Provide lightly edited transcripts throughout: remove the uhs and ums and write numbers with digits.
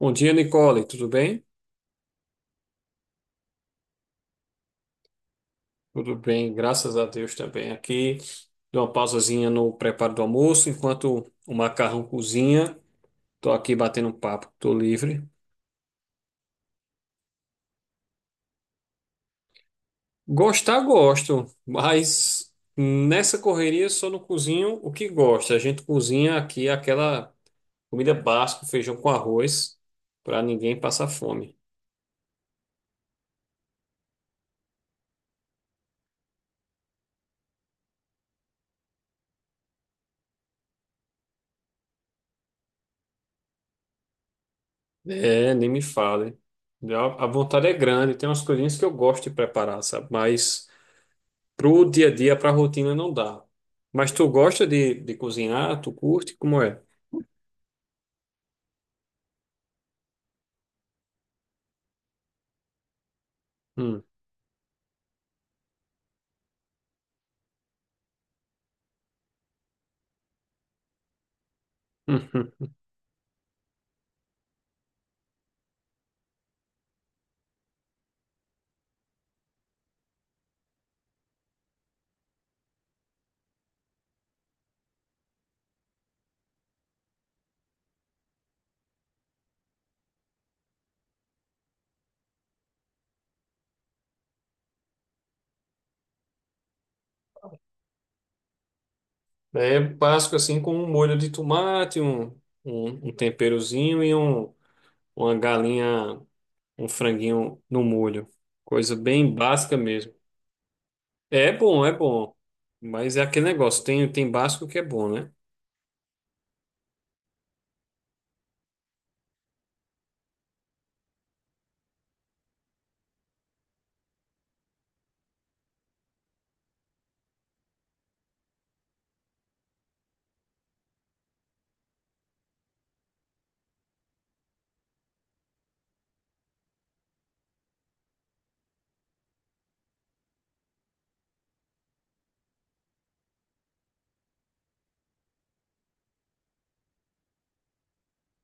Bom dia, Nicole. Tudo bem? Tudo bem, graças a Deus também. Aqui, dou uma pausazinha no preparo do almoço, enquanto o macarrão cozinha. Estou aqui batendo um papo, estou livre. Gostar, gosto, mas nessa correria só não cozinho o que gosta. A gente cozinha aqui aquela comida básica, feijão com arroz, para ninguém passar fome. É, nem me fale. A vontade é grande, tem umas coisinhas que eu gosto de preparar, sabe? Mas. Pro dia a dia, pra rotina, não dá. Mas tu gosta de cozinhar? Tu curte? Como é? Hum, hum. É básico assim, com um molho de tomate, um temperozinho e uma galinha, um franguinho no molho. Coisa bem básica mesmo. É bom, é bom. Mas é aquele negócio, tem básico que é bom, né?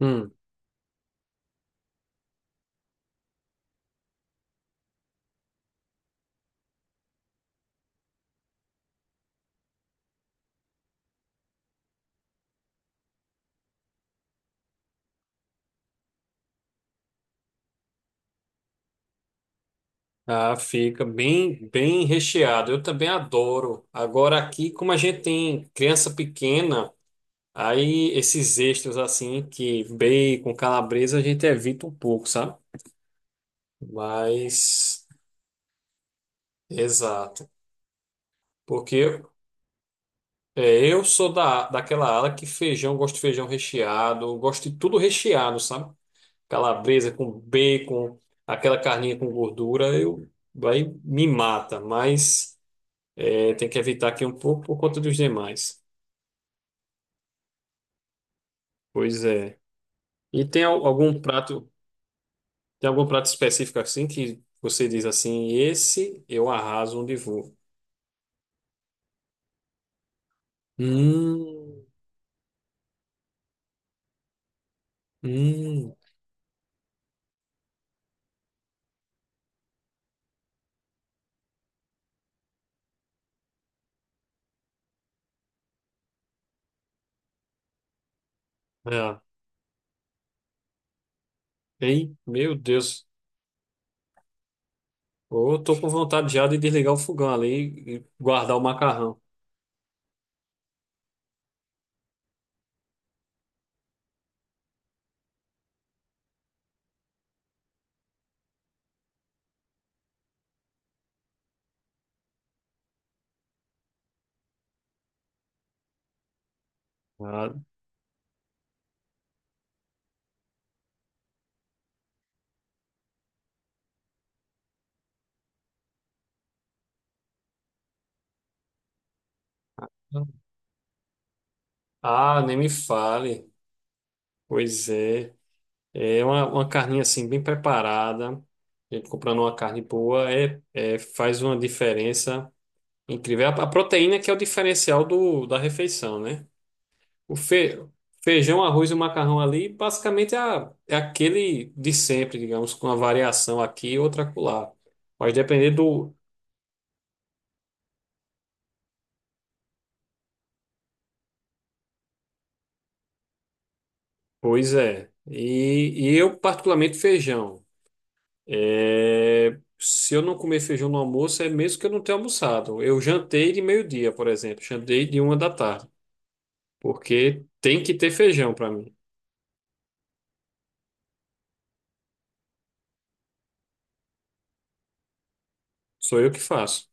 Hum. Ah, fica bem, bem recheado. Eu também adoro. Agora aqui, como a gente tem criança pequena, aí esses extras assim, que bacon, calabresa, a gente evita um pouco, sabe? Mas, exato. Porque eu sou daquela ala que feijão, gosto de feijão recheado, gosto de tudo recheado, sabe? Calabresa com bacon, aquela carninha com gordura, eu, aí me mata, mas é, tem que evitar aqui um pouco por conta dos demais. Pois é. E tem algum prato? Tem algum prato específico assim que você diz assim, esse eu arraso onde vou? Hum, hum, é. Ei, meu Deus. Eu tô com vontade já de desligar o fogão ali e guardar o macarrão. Ah, ah, nem me fale. Pois é. É uma carninha assim bem preparada. A gente comprando uma carne boa é, é- faz uma diferença incrível. É a proteína que é o diferencial da refeição, né? O feijão, arroz e macarrão ali, basicamente é, a- é aquele de sempre, digamos, com uma variação aqui e outra acolá. Mas depender do. Pois é. E eu, particularmente, feijão. É, se eu não comer feijão no almoço, é mesmo que eu não tenha almoçado. Eu jantei de meio-dia, por exemplo. Jantei de uma da tarde. Porque tem que ter feijão para mim. Sou eu que faço.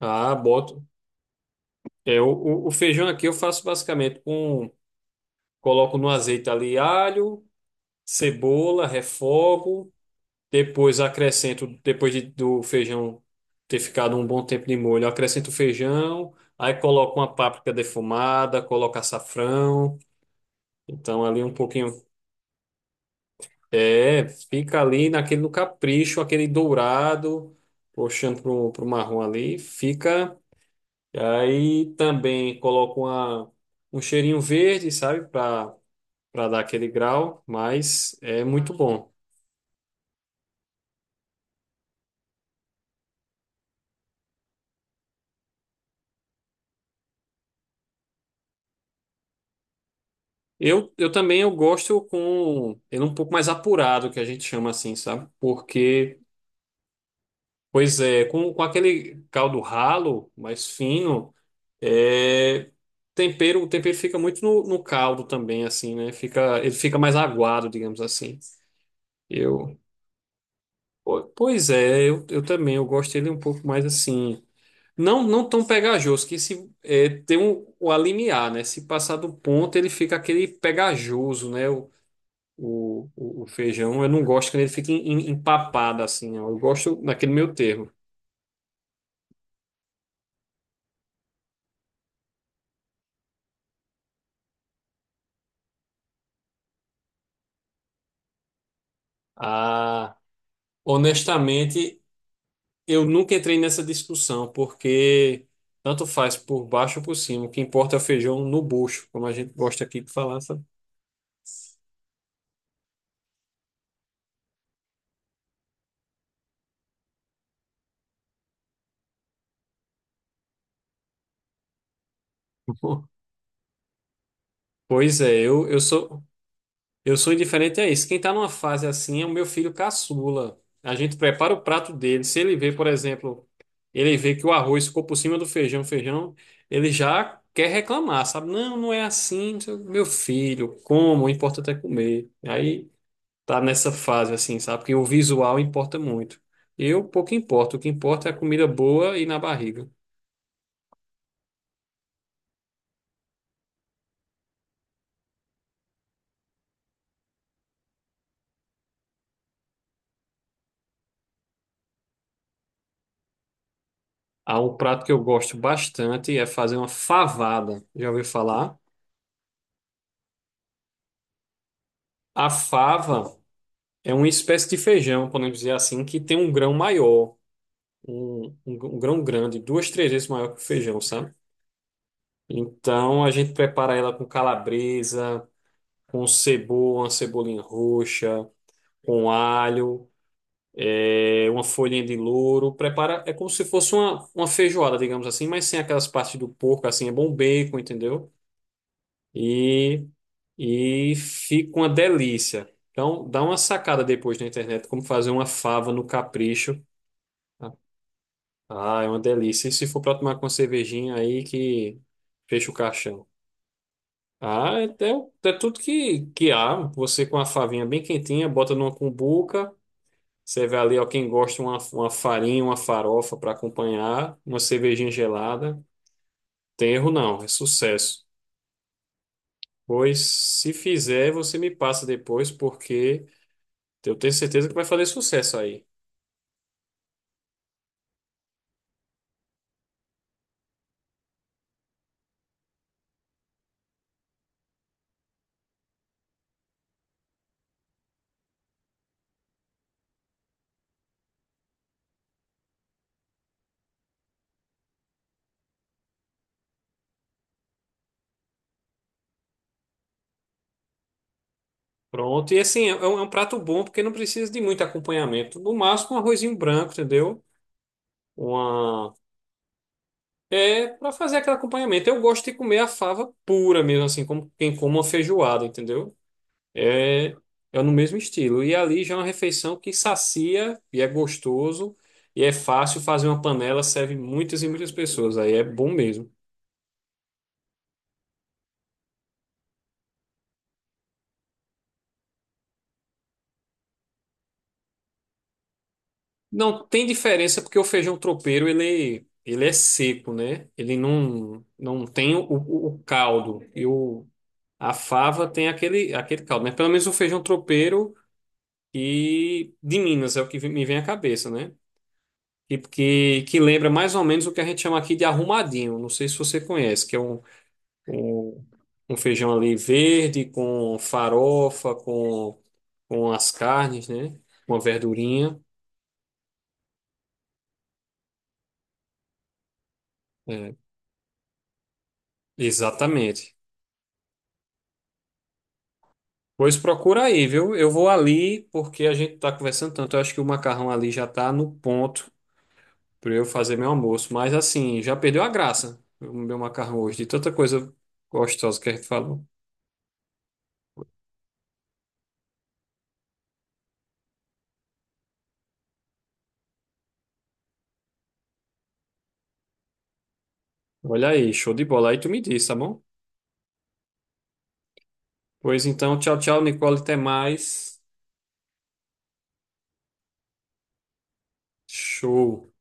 Ah, boto. É, o feijão aqui eu faço basicamente com. Coloco no azeite ali alho, cebola, refogo, depois acrescento, depois do feijão ter ficado um bom tempo de molho, eu acrescento o feijão, aí coloco uma páprica defumada, coloco açafrão, então ali um pouquinho, é, fica ali naquele no capricho, aquele dourado, puxando pro marrom ali, fica, aí também coloco um cheirinho verde, sabe, para dar aquele grau, mas é muito bom. Eu gosto com ele um pouco mais apurado, que a gente chama assim, sabe? Porque, pois é, com aquele caldo ralo, mais fino, é, tempero, o tempero fica muito no, no caldo também, assim, né? Fica, ele fica mais aguado, digamos assim. Eu, po- pois é, eu também, eu gosto dele um pouco mais assim. Não, não tão pegajoso, que se é, tem um, o alimiar, né? Se passar do ponto, ele fica aquele pegajoso, né? O feijão. Eu não gosto quando ele fica empapado assim, ó. Eu gosto naquele meio termo. Ah, honestamente, eu nunca entrei nessa discussão, porque tanto faz por baixo ou por cima. O que importa é o feijão no bucho, como a gente gosta aqui de falar, sabe? Pois é, eu sou. Eu sou indiferente a isso. Quem está numa fase assim é o meu filho caçula. A gente prepara o prato dele. Se ele vê, por exemplo, ele vê que o arroz ficou por cima do feijão, ele já quer reclamar, sabe? Não, não é assim, não sei o quê. Meu filho, como, o importante é comer. Aí tá nessa fase assim, sabe? Porque o visual importa muito. Eu pouco importo, o que importa é a comida boa e na barriga. Há um prato que eu gosto bastante é fazer uma favada. Já ouviu falar? A fava. É uma espécie de feijão, podemos dizer assim, que tem um grão maior, um grão grande, duas, três vezes maior que o feijão, sabe? Então a gente prepara ela com calabresa, com cebola, uma cebolinha roxa, com alho, é, uma folhinha de louro. Prepara, é como se fosse uma feijoada, digamos assim, mas sem aquelas partes do porco, assim, é bom bacon, entendeu? E, e fica uma delícia. Então dá uma sacada depois na internet como fazer uma fava no capricho. Ah, é uma delícia. E se for pra tomar com uma cervejinha aí que fecha o caixão? Ah, é, é, é tudo que há. Você com a favinha bem quentinha, bota numa cumbuca. Você vê ali, ó, quem gosta, uma farinha, uma farofa para acompanhar, uma cervejinha gelada. Tem erro não, é sucesso. Pois se fizer, você me passa depois, porque eu tenho certeza que vai fazer sucesso aí. Pronto, e assim, é um prato bom porque não precisa de muito acompanhamento. No máximo, um arrozinho branco, entendeu? Uma é para fazer aquele acompanhamento. Eu gosto de comer a fava pura mesmo, assim, como quem come uma feijoada, entendeu? É, é no mesmo estilo. E ali já é uma refeição que sacia e é gostoso e é fácil fazer uma panela, serve muitas e muitas pessoas. Aí é bom mesmo. Não tem diferença porque o feijão tropeiro, ele é seco, né? Ele não, não tem o caldo. E o, a fava tem aquele caldo, né? Pelo menos o feijão tropeiro e de Minas é o que me vem à cabeça, né? Que lembra mais ou menos o que a gente chama aqui de arrumadinho. Não sei se você conhece, que é um, um feijão ali verde com farofa, com as carnes, né? Uma verdurinha. É, exatamente. Pois procura aí, viu? Eu vou ali porque a gente tá conversando tanto. Eu acho que o macarrão ali já tá no ponto para eu fazer meu almoço. Mas assim, já perdeu a graça o meu macarrão hoje, de tanta coisa gostosa que a gente falou. Olha aí, show de bola. Aí tu me diz, tá bom? Pois então, tchau, tchau, Nicole, até mais. Show.